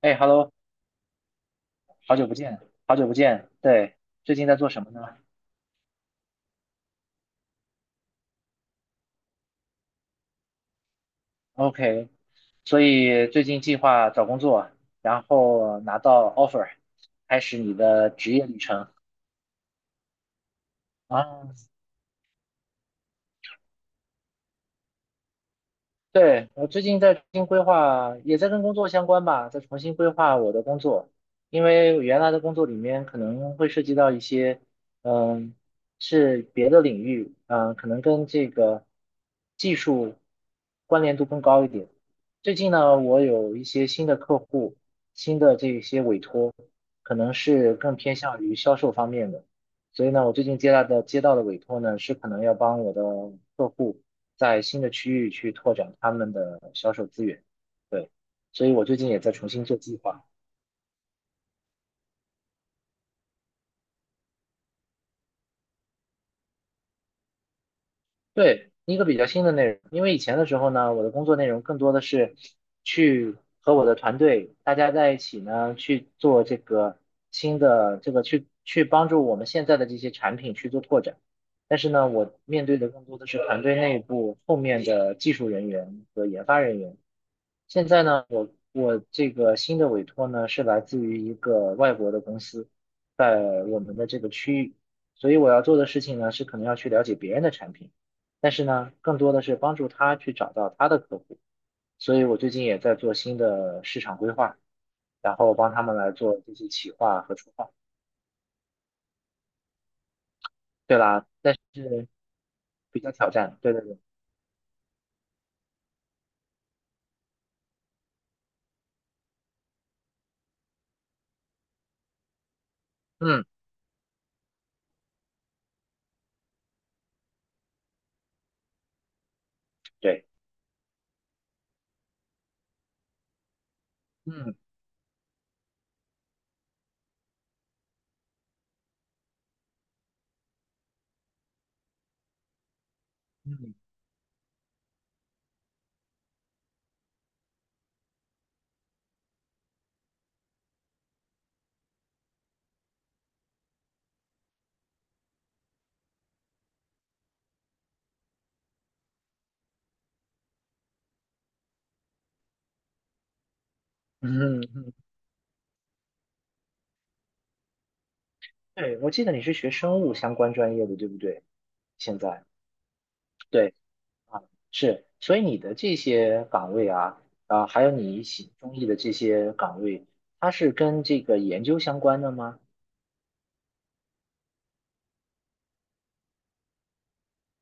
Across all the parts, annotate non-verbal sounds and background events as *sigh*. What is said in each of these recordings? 哎，Hello，好久不见，好久不见。对，最近在做什么呢？OK，所以最近计划找工作，然后拿到 offer，开始你的职业旅程。啊，对，我最近在重新规划，也在跟工作相关吧，在重新规划我的工作，因为原来的工作里面可能会涉及到一些，嗯，是别的领域，可能跟这个技术关联度更高一点。最近呢，我有一些新的客户，新的这些委托，可能是更偏向于销售方面的。所以呢，我最近接到的委托呢，是可能要帮我的客户在新的区域去拓展他们的销售资源。对，所以我最近也在重新做计划。对，一个比较新的内容，因为以前的时候呢，我的工作内容更多的是去和我的团队大家在一起呢，去做这个新的这个去帮助我们现在的这些产品去做拓展。但是呢，我面对的更多的是团队内部后面的技术人员和研发人员。现在呢，我这个新的委托呢是来自于一个外国的公司，在我们的这个区域，所以我要做的事情呢是可能要去了解别人的产品，但是呢，更多的是帮助他去找到他的客户，所以我最近也在做新的市场规划，然后帮他们来做这些企划和策划。对啦，但是比较挑战。对对对，嗯，对，嗯嗯嗯嗯，嗯，对，我记得你是学生物相关专业的，对不对？现在。对。啊，是，所以你的这些岗位啊，啊，还有你喜中意的这些岗位，它是跟这个研究相关的吗？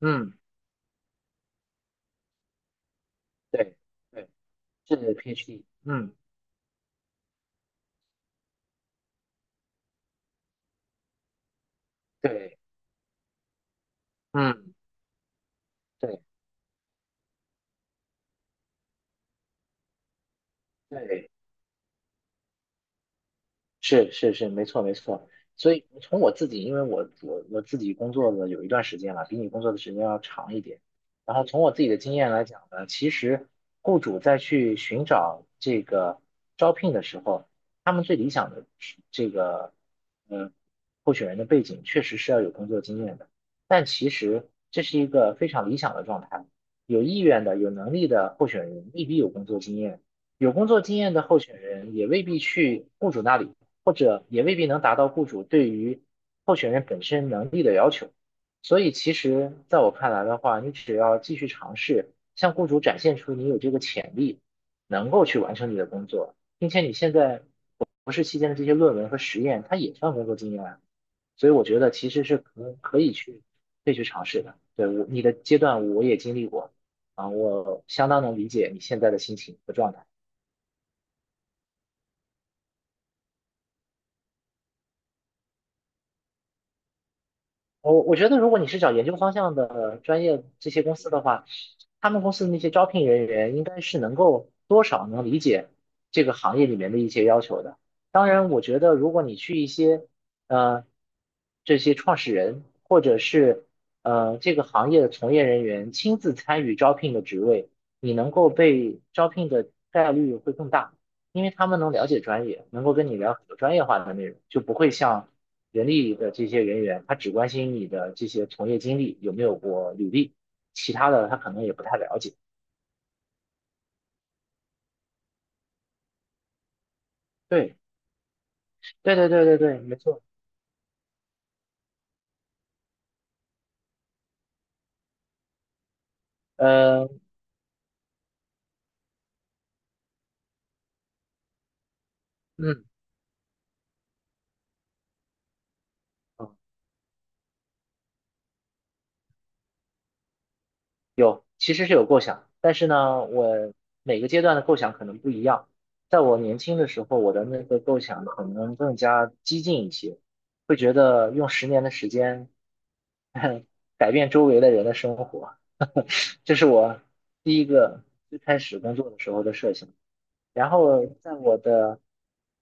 嗯，对，对，是 PhD，嗯，对，嗯，对，对。是是是，没错没错。所以从我自己，因为我自己工作了有一段时间了，比你工作的时间要长一点。然后从我自己的经验来讲呢，其实雇主在去寻找这个招聘的时候，他们最理想的这个嗯候选人的背景确实是要有工作经验的，但其实这是一个非常理想的状态。有意愿的、有能力的候选人未必有工作经验。有工作经验的候选人也未必去雇主那里，或者也未必能达到雇主对于候选人本身能力的要求。所以，其实在我看来的话，你只要继续尝试，向雇主展现出你有这个潜力，能够去完成你的工作，并且你现在博士期间的这些论文和实验，它也算工作经验啊。所以，我觉得其实是可以去尝试的。对，我，你的阶段我也经历过啊，我相当能理解你现在的心情和状态。我觉得，如果你是找研究方向的专业这些公司的话，他们公司的那些招聘人员应该是能够多少能理解这个行业里面的一些要求的。当然，我觉得如果你去一些呃这些创始人或者是这个行业的从业人员亲自参与招聘的职位，你能够被招聘的概率会更大，因为他们能了解专业，能够跟你聊很多专业化的内容，就不会像，人力的这些人员，他只关心你的这些从业经历有没有过履历，其他的他可能也不太了解。对，对对对对对，没错。呃，嗯，嗯有，其实是有构想，但是呢，我每个阶段的构想可能不一样。在我年轻的时候，我的那个构想可能更加激进一些，会觉得用10年的时间 *laughs* 改变周围的人的生活，*laughs* 这是我第一个最开始工作的时候的设想。然后在我的，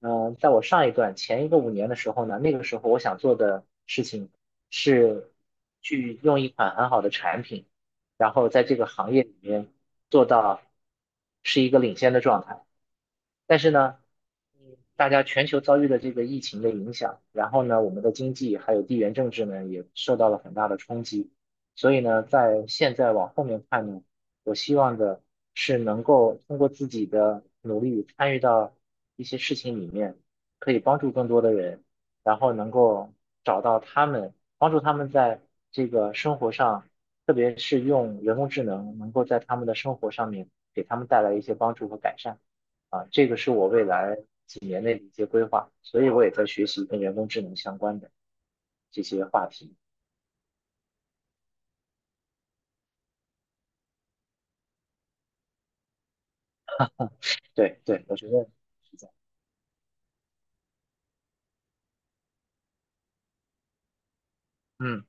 在我上一段前一个5年的时候呢，那个时候我想做的事情是去用一款很好的产品，然后在这个行业里面做到是一个领先的状态。但是呢，大家全球遭遇的这个疫情的影响，然后呢，我们的经济还有地缘政治呢也受到了很大的冲击，所以呢，在现在往后面看呢，我希望的是能够通过自己的努力参与到一些事情里面，可以帮助更多的人，然后能够找到他们，帮助他们在这个生活上，特别是用人工智能，能够在他们的生活上面给他们带来一些帮助和改善。啊，这个是我未来几年内的一些规划，所以我也在学习跟人工智能相关的这些话题。对对，我觉得是这样。嗯。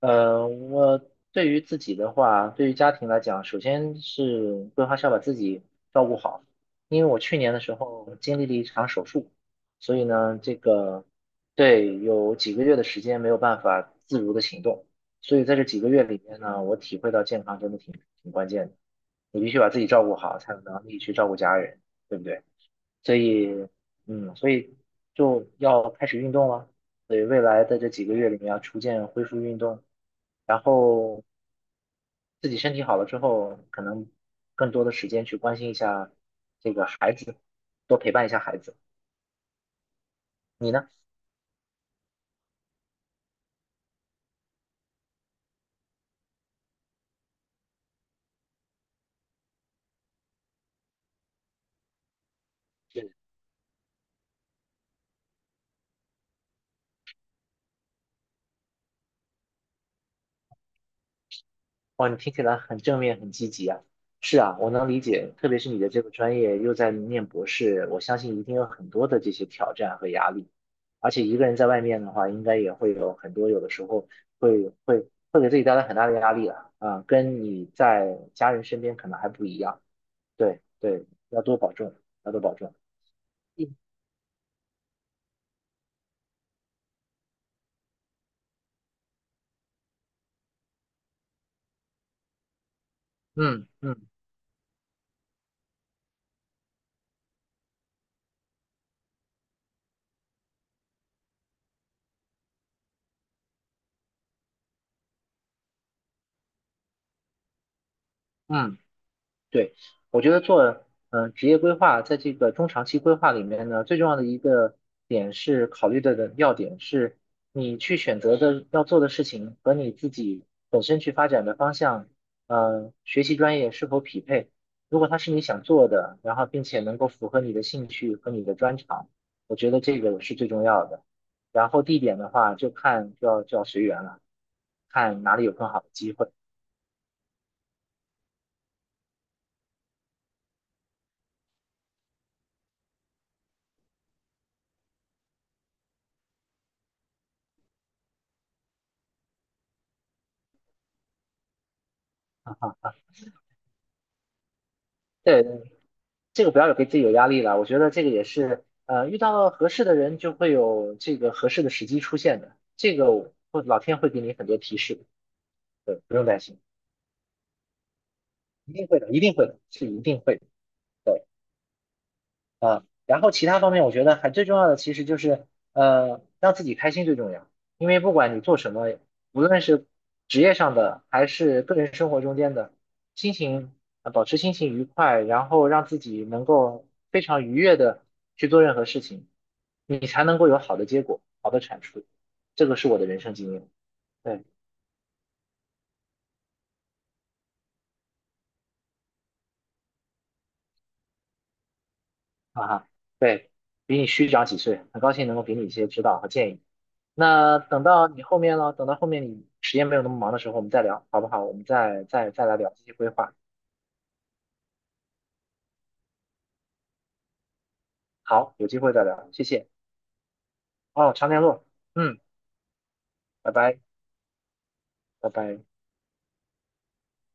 我对于自己的话，对于家庭来讲，首先是规划是要把自己照顾好，因为我去年的时候经历了一场手术，所以呢，这个对有几个月的时间没有办法自如的行动，所以在这几个月里面呢，我体会到健康真的挺关键的，你必须把自己照顾好，才有能力去照顾家人，对不对？所以，所以就要开始运动了。所以未来的这几个月里面要逐渐恢复运动，然后自己身体好了之后，可能更多的时间去关心一下这个孩子，多陪伴一下孩子。你呢？哇，你听起来很正面，很积极啊。是啊，我能理解，特别是你的这个专业又在念博士，我相信一定有很多的这些挑战和压力。而且一个人在外面的话，应该也会有很多，有的时候会给自己带来很大的压力了啊，跟你在家人身边可能还不一样。对对，要多保重，要多保重。嗯嗯嗯嗯。对，我觉得做职业规划，在这个中长期规划里面呢，最重要的一个点是考虑的要点是，你去选择的要做的事情和你自己本身去发展的方向，学习专业是否匹配。如果它是你想做的，然后并且能够符合你的兴趣和你的专长，我觉得这个是最重要的。然后地点的话，就要随缘了，看哪里有更好的机会。对，这个不要有给自己有压力了。我觉得这个也是，遇到了合适的人，就会有这个合适的时机出现的。这个我会老天会给你很多提示的，对，不用担心，一定会的，一定会的，是一定会的。对，然后其他方面，我觉得还最重要的其实就是，让自己开心最重要。因为不管你做什么，无论是职业上的还是个人生活中间的，心情，保持心情愉快，然后让自己能够非常愉悦的去做任何事情，你才能够有好的结果、好的产出。这个是我的人生经验。对，哈哈，对，比你虚长几岁，很高兴能够给你一些指导和建议。那等到你后面了，等到后面你时间没有那么忙的时候，我们再聊，好不好？我们再来聊这些规划。好，有机会再聊，谢谢。哦，常联络，嗯，拜拜，拜拜。